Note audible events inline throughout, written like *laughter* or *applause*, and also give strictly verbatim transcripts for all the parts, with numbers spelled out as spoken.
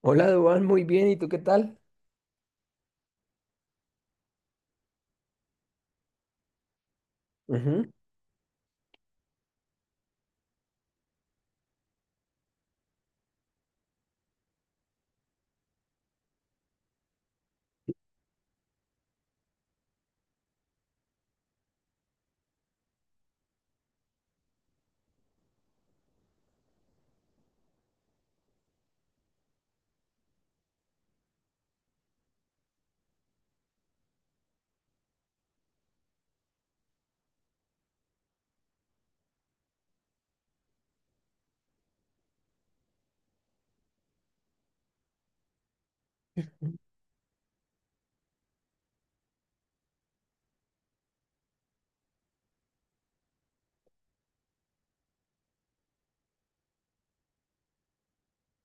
Hola, Dubán, muy bien, ¿y tú qué tal? Ujú.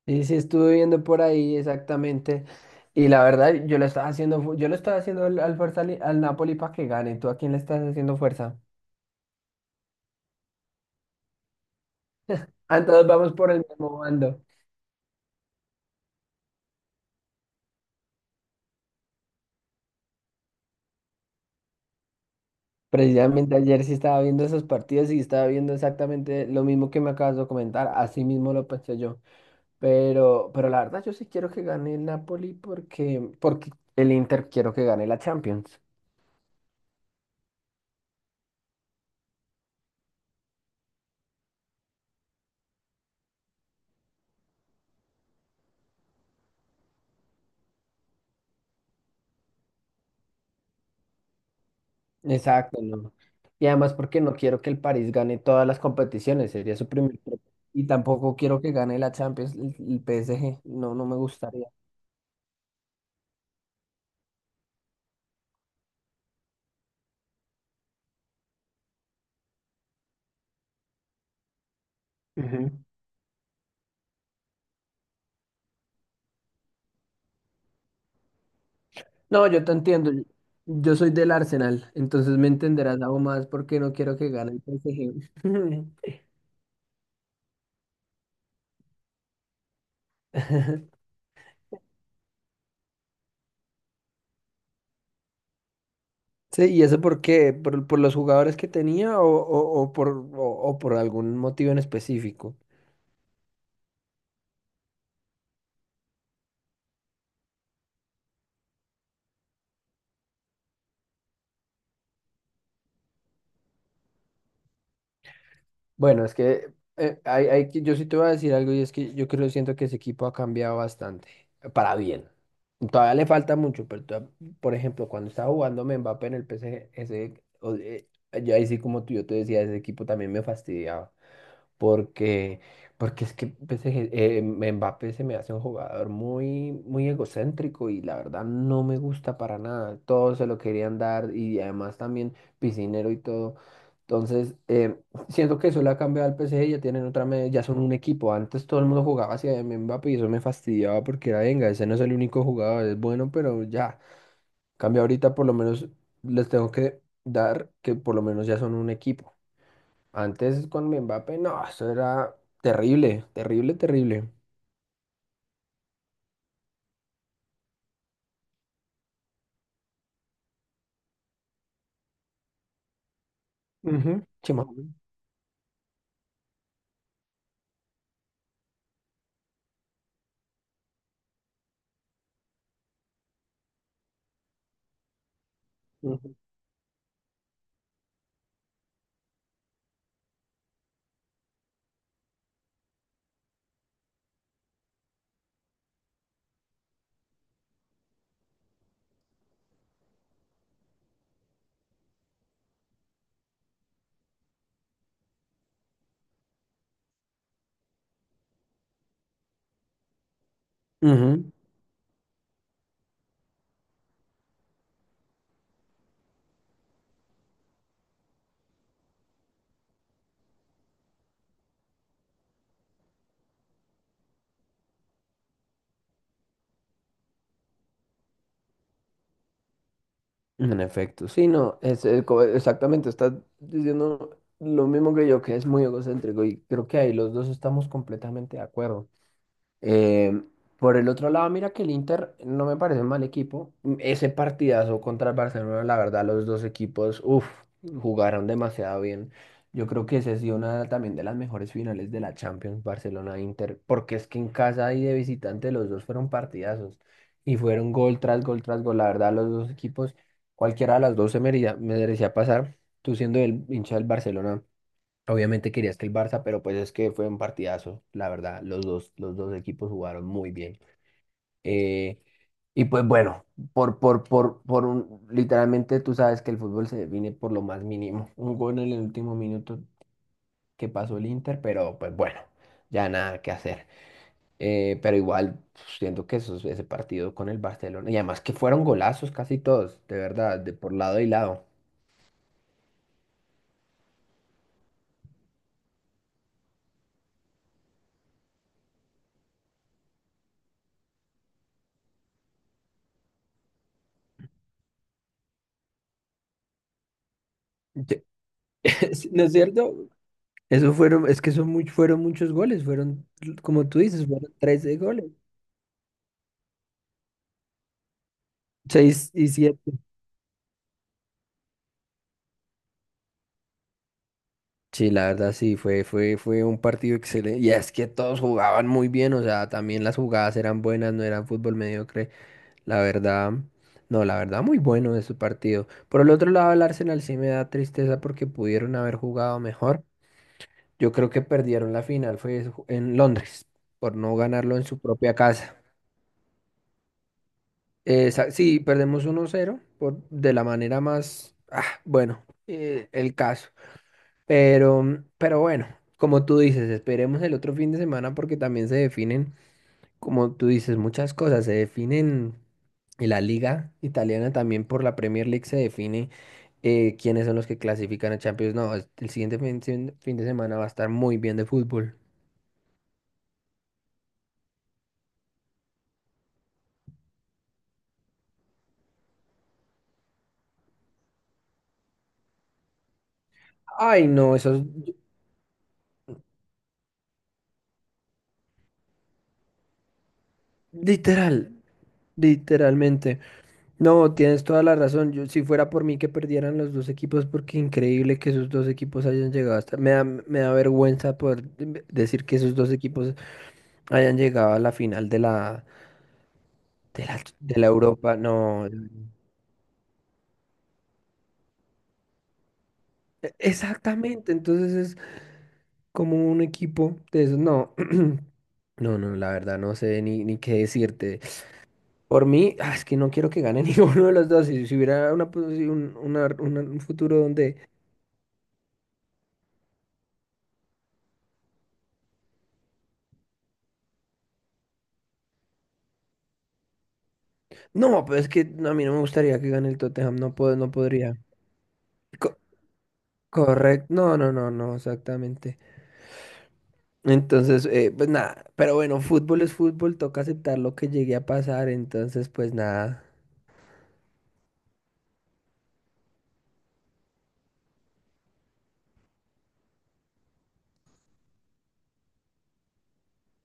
Sí, sí, estuve viendo por ahí exactamente. Y la verdad, yo le estaba haciendo, fu- yo le estaba haciendo al, al fuerza li- al Napoli para que gane. ¿Tú a quién le estás haciendo fuerza? Ah, entonces vamos por el mismo bando. Precisamente ayer sí estaba viendo esos partidos y estaba viendo exactamente lo mismo que me acabas de comentar. Así mismo lo pensé yo. Pero, pero la verdad, yo sí quiero que gane el Napoli porque, porque el Inter quiero que gane la Champions. Exacto, no. Y además porque no quiero que el París gane todas las competiciones, sería su primer pro- Y tampoco quiero que gane la Champions, el, el P S G, no, no me gustaría. Ujú. No, yo te entiendo, yo yo soy del Arsenal, entonces me entenderás algo más porque no quiero que gane el P S G. *laughs* *laughs* Sí, ¿y eso por qué? ¿Por, por los jugadores que tenía o, o, o por, o o por algún motivo en específico? Bueno, es que eh, hay, hay que- yo sí te voy a decir algo y es que yo creo, siento que ese equipo ha cambiado bastante, para bien. Todavía le falta mucho, pero toda- por ejemplo, cuando estaba jugando Mbappé en el P S G, ese, o- eh, yo ahí sí como tú, yo te decía, ese equipo también me fastidiaba porque, porque es que P S G, eh, M- Mbappé se me hace un jugador muy, muy egocéntrico y la verdad no me gusta para nada. Todos se lo querían dar y además también piscinero y todo. Entonces, eh, *laughs* siento que eso le ha cambiado al P S G, ya tienen otra, me- ya son un equipo. Antes todo el mundo jugaba hacia Mbappé y eso me fastidiaba porque era, venga, ese no es el único jugador, es bueno, pero ya. Cambia ahorita por lo menos les tengo que dar que por lo menos ya son un equipo. Antes con Mbappé, no, eso era terrible, terrible, terrible. Ujú, sí, más o menos. Ujú. Ujú, en efecto, sí, no, es, eh, co- exactamente, estás diciendo lo mismo que yo, que es muy egocéntrico y creo que ahí los dos estamos completamente de acuerdo. Eh, por el otro lado, mira que el Inter no me parece un mal equipo. Mm, Ese partidazo contra el Barcelona, la verdad, los dos equipos, uff, jugaron demasiado bien. Yo creo que esa ha sido una también de las mejores finales de la Champions, Barcelona-Inter, porque es que en casa y de visitante los dos fueron partidazos y fueron gol tras gol tras gol. La verdad, los dos equipos, cualquiera de las dos se merecía, merecía pasar. Tú siendo el hincha del Barcelona. Obviamente querías que el Barça, pero pues es que fue un partidazo, la verdad. Los dos, los dos equipos jugaron muy bien. Eh, y pues bueno, por, por, por, por un, literalmente tú sabes que el fútbol se define por lo más mínimo. *laughs* Un gol en el último minuto que pasó el Inter, pero pues bueno, ya nada que hacer. Eh, pero igual siento que esos- ese partido con el Barcelona, y además que fueron golazos casi todos, de verdad, de por lado y lado. Sí, *laughs* ¿no es cierto? Eso fueron, es que son muy, fueron muchos goles, fueron, como tú dices, fueron trece goles. Seis y siete. Sí, la verdad sí, fue, fue, fue un partido excelente. Y es que todos jugaban muy bien, o sea, también las jugadas eran buenas, no era fútbol mediocre. La verdad, no, la verdad muy bueno de su partido. Por el otro lado, el Arsenal sí me da tristeza porque pudieron haber jugado mejor. Yo creo que perdieron la final, fue en Londres, por no ganarlo en su propia casa. Esa- sí, perdemos uno cero por, de la manera más, ah, bueno, eh, el caso. Pero, mm, pero bueno, como tú dices, esperemos el otro fin de semana porque también se definen, como tú dices, muchas cosas. Se definen en la liga italiana también. Por la Premier League se define eh, quiénes son los que clasifican a Champions. No, es- el siguiente fin, fin- fin de semana va a estar muy bien de fútbol. Ay, no, eso es literal, literalmente. No, tienes toda la razón. Yo, si fuera por mí que perdieran los dos equipos, porque increíble que esos dos equipos hayan llegado hasta... Me da, me da vergüenza poder de- decir que esos dos equipos hayan llegado a la final de la, de la, de la, Europa. No, e- exactamente. Entonces es como un equipo de esos. No, *clears throat* no, no, la verdad no sé ni, ni qué decirte. Por mí, ah, es que no quiero que gane *laughs* ninguno de los dos. Si, si hubiera una, posi- un, una- una- un futuro donde... No, pero es que no, a mí no me gustaría que gane el Tottenham, no puedo, no podría. Co- correcto, no, no, no, no, exactamente. Entonces, eh, pues nada, pero bueno, fútbol es fútbol, toca aceptar lo que llegue a pasar, entonces pues nada.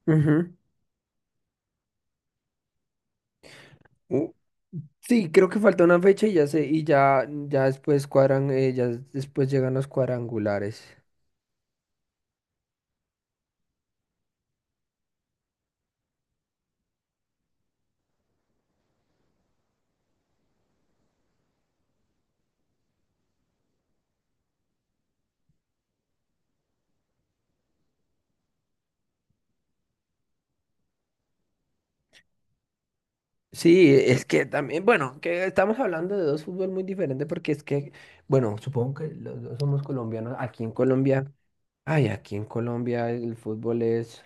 Ujú. Uh, Sí, creo que falta una fecha y ya sé, y ya, ya después cuadran, eh, ya después llegan los cuadrangulares. Sí, es que también, bueno, que estamos hablando de dos fútbol muy diferentes porque es que, bueno, supongo que los dos somos colombianos, aquí en Colombia. Ay, aquí en Colombia el fútbol es,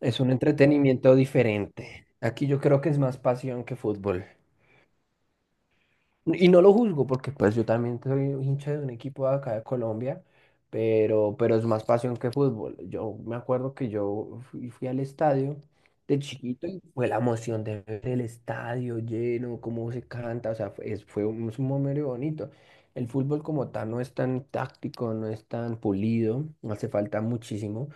es un entretenimiento diferente. Aquí yo creo que es más pasión que fútbol. Y no lo juzgo porque pues yo también soy hincha de un equipo de acá de Colombia, pero, pero es más pasión que fútbol. Yo me acuerdo que yo fui, fui al estadio de chiquito y fue la emoción de ver el estadio lleno, cómo se canta, o sea, fue, es- fue un, es un momento bonito. El fútbol como tal no es tan táctico, no es tan pulido, hace falta muchísimo.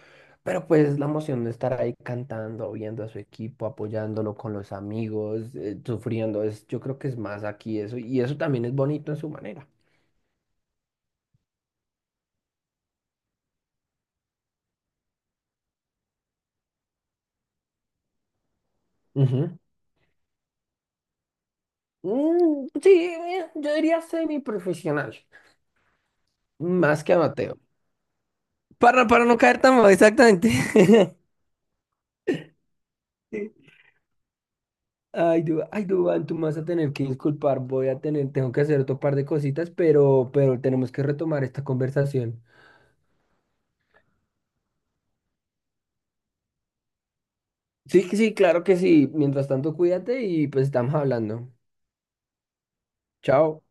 Pero pues la emoción de estar ahí cantando, viendo a su equipo, apoyándolo con los amigos, eh, sufriendo, es, yo creo que es más aquí eso, y eso también es bonito en su manera. Ujú. Mm, sí, eh, yo diría semiprofesional, más que amateur. Para, para no caer tan mal, exactamente. *laughs* Sí. Ay, Duan, ay, Duván, tú me vas a tener que disculpar, voy a tener, tengo que hacer otro par de cositas, pero, pero tenemos que retomar esta conversación. Sí, sí, claro que sí. Mientras tanto, cuídate y pues estamos hablando. Chao.